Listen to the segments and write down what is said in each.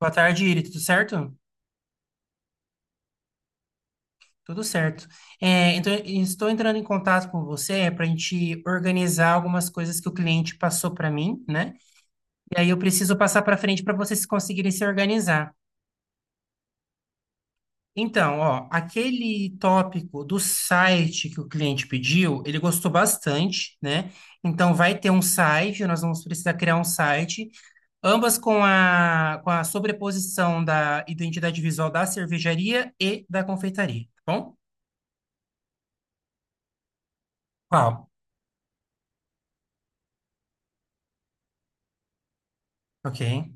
Boa tarde, Iri. Tudo certo? Tudo certo. Então, estou entrando em contato com você para a gente organizar algumas coisas que o cliente passou para mim, né? E aí eu preciso passar para frente para vocês conseguirem se organizar. Então, ó, aquele tópico do site que o cliente pediu, ele gostou bastante, né? Então, vai ter um site, nós vamos precisar criar um site, ambas com a sobreposição da identidade visual da cervejaria e da confeitaria, tá bom? Qual? Ok.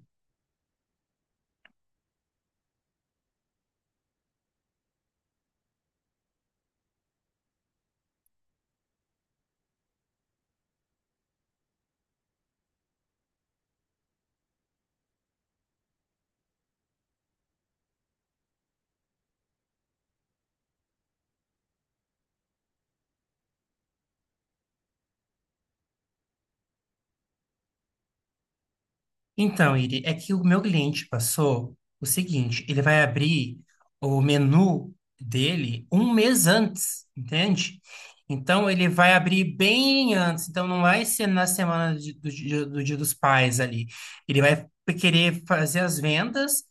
Então, Iri, é que o meu cliente passou o seguinte: ele vai abrir o menu dele um mês antes, entende? Então, ele vai abrir bem antes. Então, não vai ser na semana do Dia dos Pais ali. Ele vai querer fazer as vendas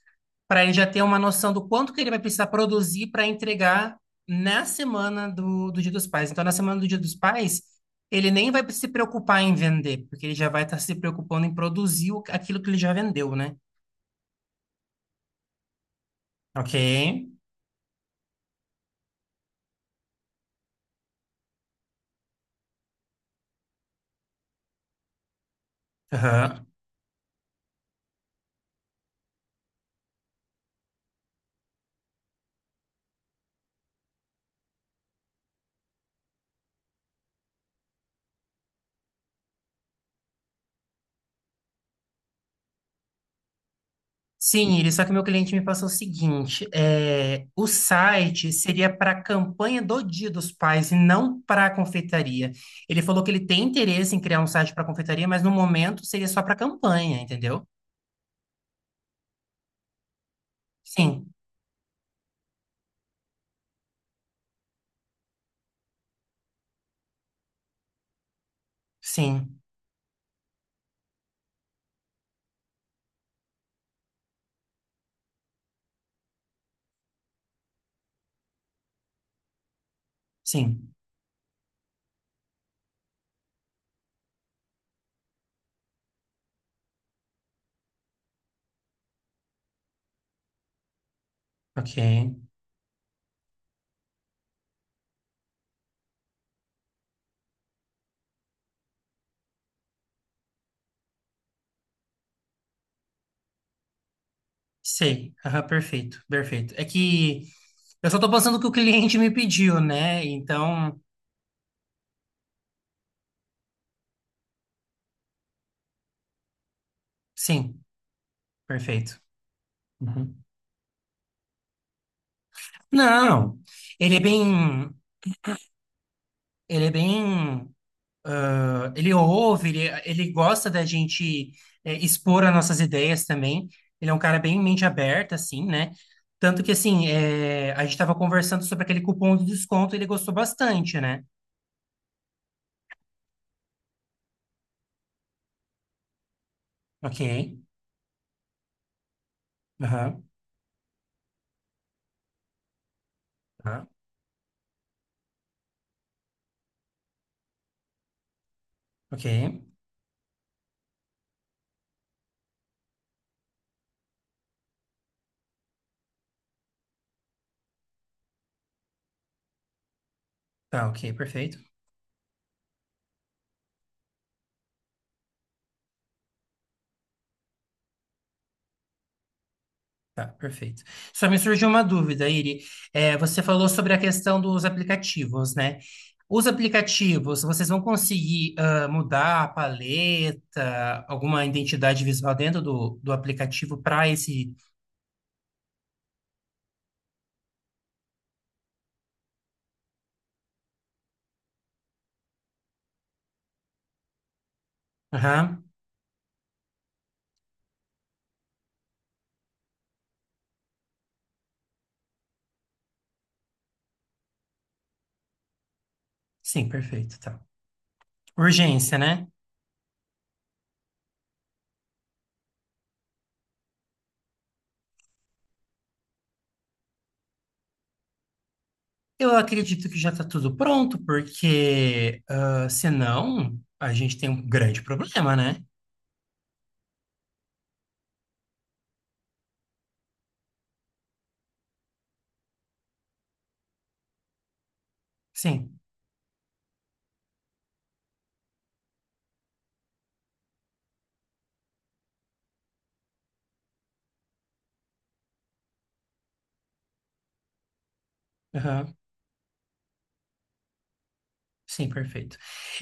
para ele já ter uma noção do quanto que ele vai precisar produzir para entregar na semana do Dia dos Pais. Então, na semana do Dia dos Pais. Ele nem vai se preocupar em vender, porque ele já vai estar se preocupando em produzir aquilo que ele já vendeu, né? Ok. Aham. Sim, ele, só que meu cliente me passou o seguinte: o site seria para a campanha do Dia dos Pais e não para a confeitaria. Ele falou que ele tem interesse em criar um site para a confeitaria, mas no momento seria só para a campanha, entendeu? Sim, sim, sim. Ok. Sei, aham, perfeito, perfeito. É que eu só tô passando o que o cliente me pediu, né? Então, sim, perfeito. Uhum. Não, ele é bem, ele é bem, ele ouve, ele gosta da gente expor as nossas ideias também. Ele é um cara bem mente aberta, assim, né? Tanto que, assim, a gente estava conversando sobre aquele cupom de desconto, ele gostou bastante, né? Ok, aham, tá, ok, tá, ok, perfeito. Tá, perfeito. Só me surgiu uma dúvida, Iri. É, você falou sobre a questão dos aplicativos, né? Os aplicativos, vocês vão conseguir mudar a paleta, alguma identidade visual dentro do aplicativo para esse. Aham. Sim, perfeito, tá. Urgência, né? Eu acredito que já está tudo pronto, porque senão a gente tem um grande problema, né? Sim. Sim, perfeito.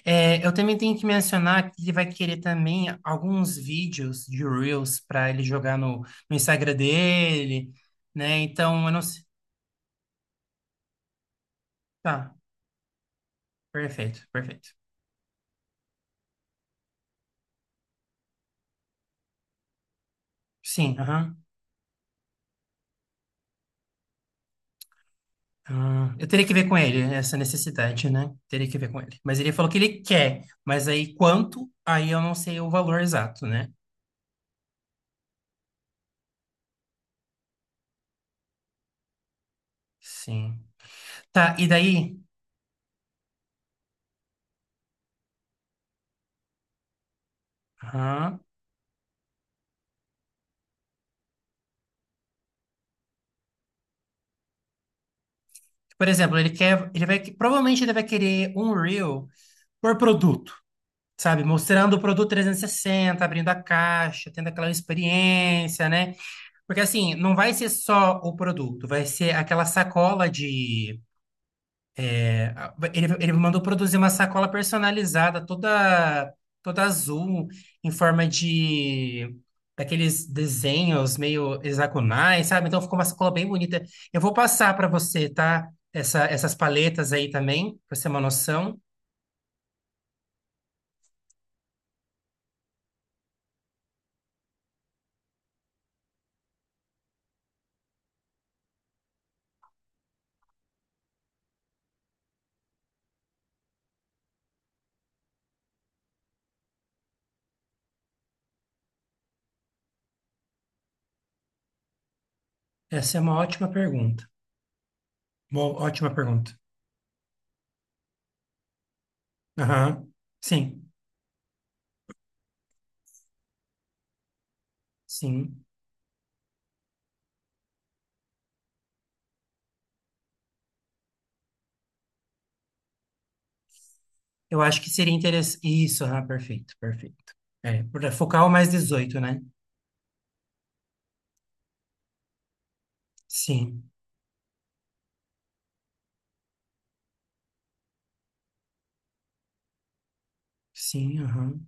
É, eu também tenho que mencionar que ele vai querer também alguns vídeos de Reels para ele jogar no Instagram dele, né? Então, eu não sei. Tá, perfeito, perfeito. Sim, aham. Ah, eu teria que ver com ele essa necessidade, né? Teria que ver com ele. Mas ele falou que ele quer, mas aí quanto? Aí eu não sei o valor exato, né? Sim. Tá, e daí? Aham. Por exemplo, ele quer, ele vai, provavelmente ele vai querer um Reel por produto. Sabe? Mostrando o produto 360, abrindo a caixa, tendo aquela experiência, né? Porque assim, não vai ser só o produto, vai ser aquela sacola de. Ele, ele mandou produzir uma sacola personalizada, toda, toda azul, em forma de. Daqueles desenhos meio hexagonais, sabe? Então ficou uma sacola bem bonita. Eu vou passar para você, tá? Essas paletas aí também, para você ter uma noção. Essa é uma ótima pergunta. Uma ótima pergunta. Aham. Sim, sim. Eu acho que seria interessante. Isso, ah, perfeito, perfeito. É, para focar o mais 18, né? Sim, sim, aham.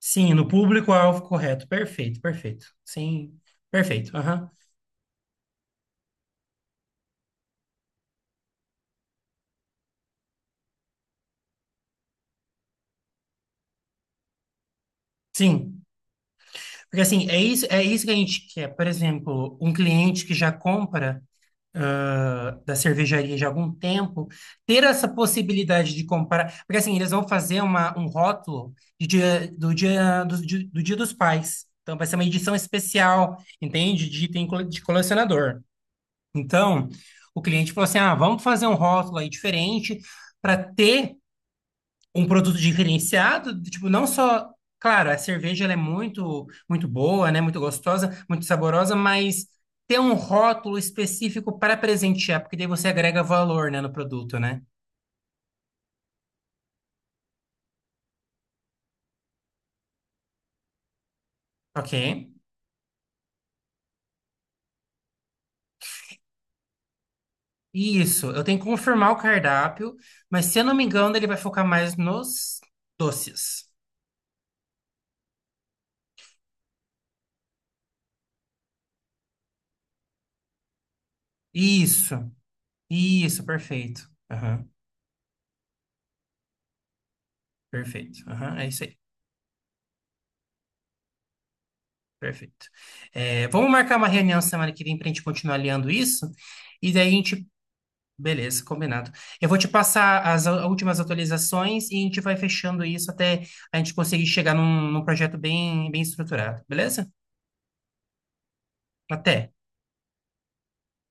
Sim, no público-alvo correto. Perfeito, perfeito. Sim, perfeito, aham. Sim, porque assim, é isso que a gente quer. Por exemplo, um cliente que já compra. Ah, da cervejaria já há algum tempo, ter essa possibilidade de comprar, porque assim, eles vão fazer uma, um rótulo de dia, do, di- do Dia dos Pais. Então vai ser uma edição especial, entende? De item de colecionador. Então, o cliente falou assim: "Ah, vamos fazer um rótulo aí diferente para ter um produto diferenciado, tipo, não só, claro, a cerveja ela é muito muito boa, né, muito gostosa, muito saborosa, mas ter um rótulo específico para presentear, porque daí você agrega valor, né, no produto, né? OK? Isso, eu tenho que confirmar o cardápio, mas se eu não me engano, ele vai focar mais nos doces. Isso. Isso, perfeito. Aham, perfeito. Aham, é isso aí. Perfeito. É, vamos marcar uma reunião semana que vem para a gente continuar alinhando isso. E daí a gente Beleza, combinado. Eu vou te passar as últimas atualizações e a gente vai fechando isso até a gente conseguir chegar num projeto bem estruturado, beleza? Até.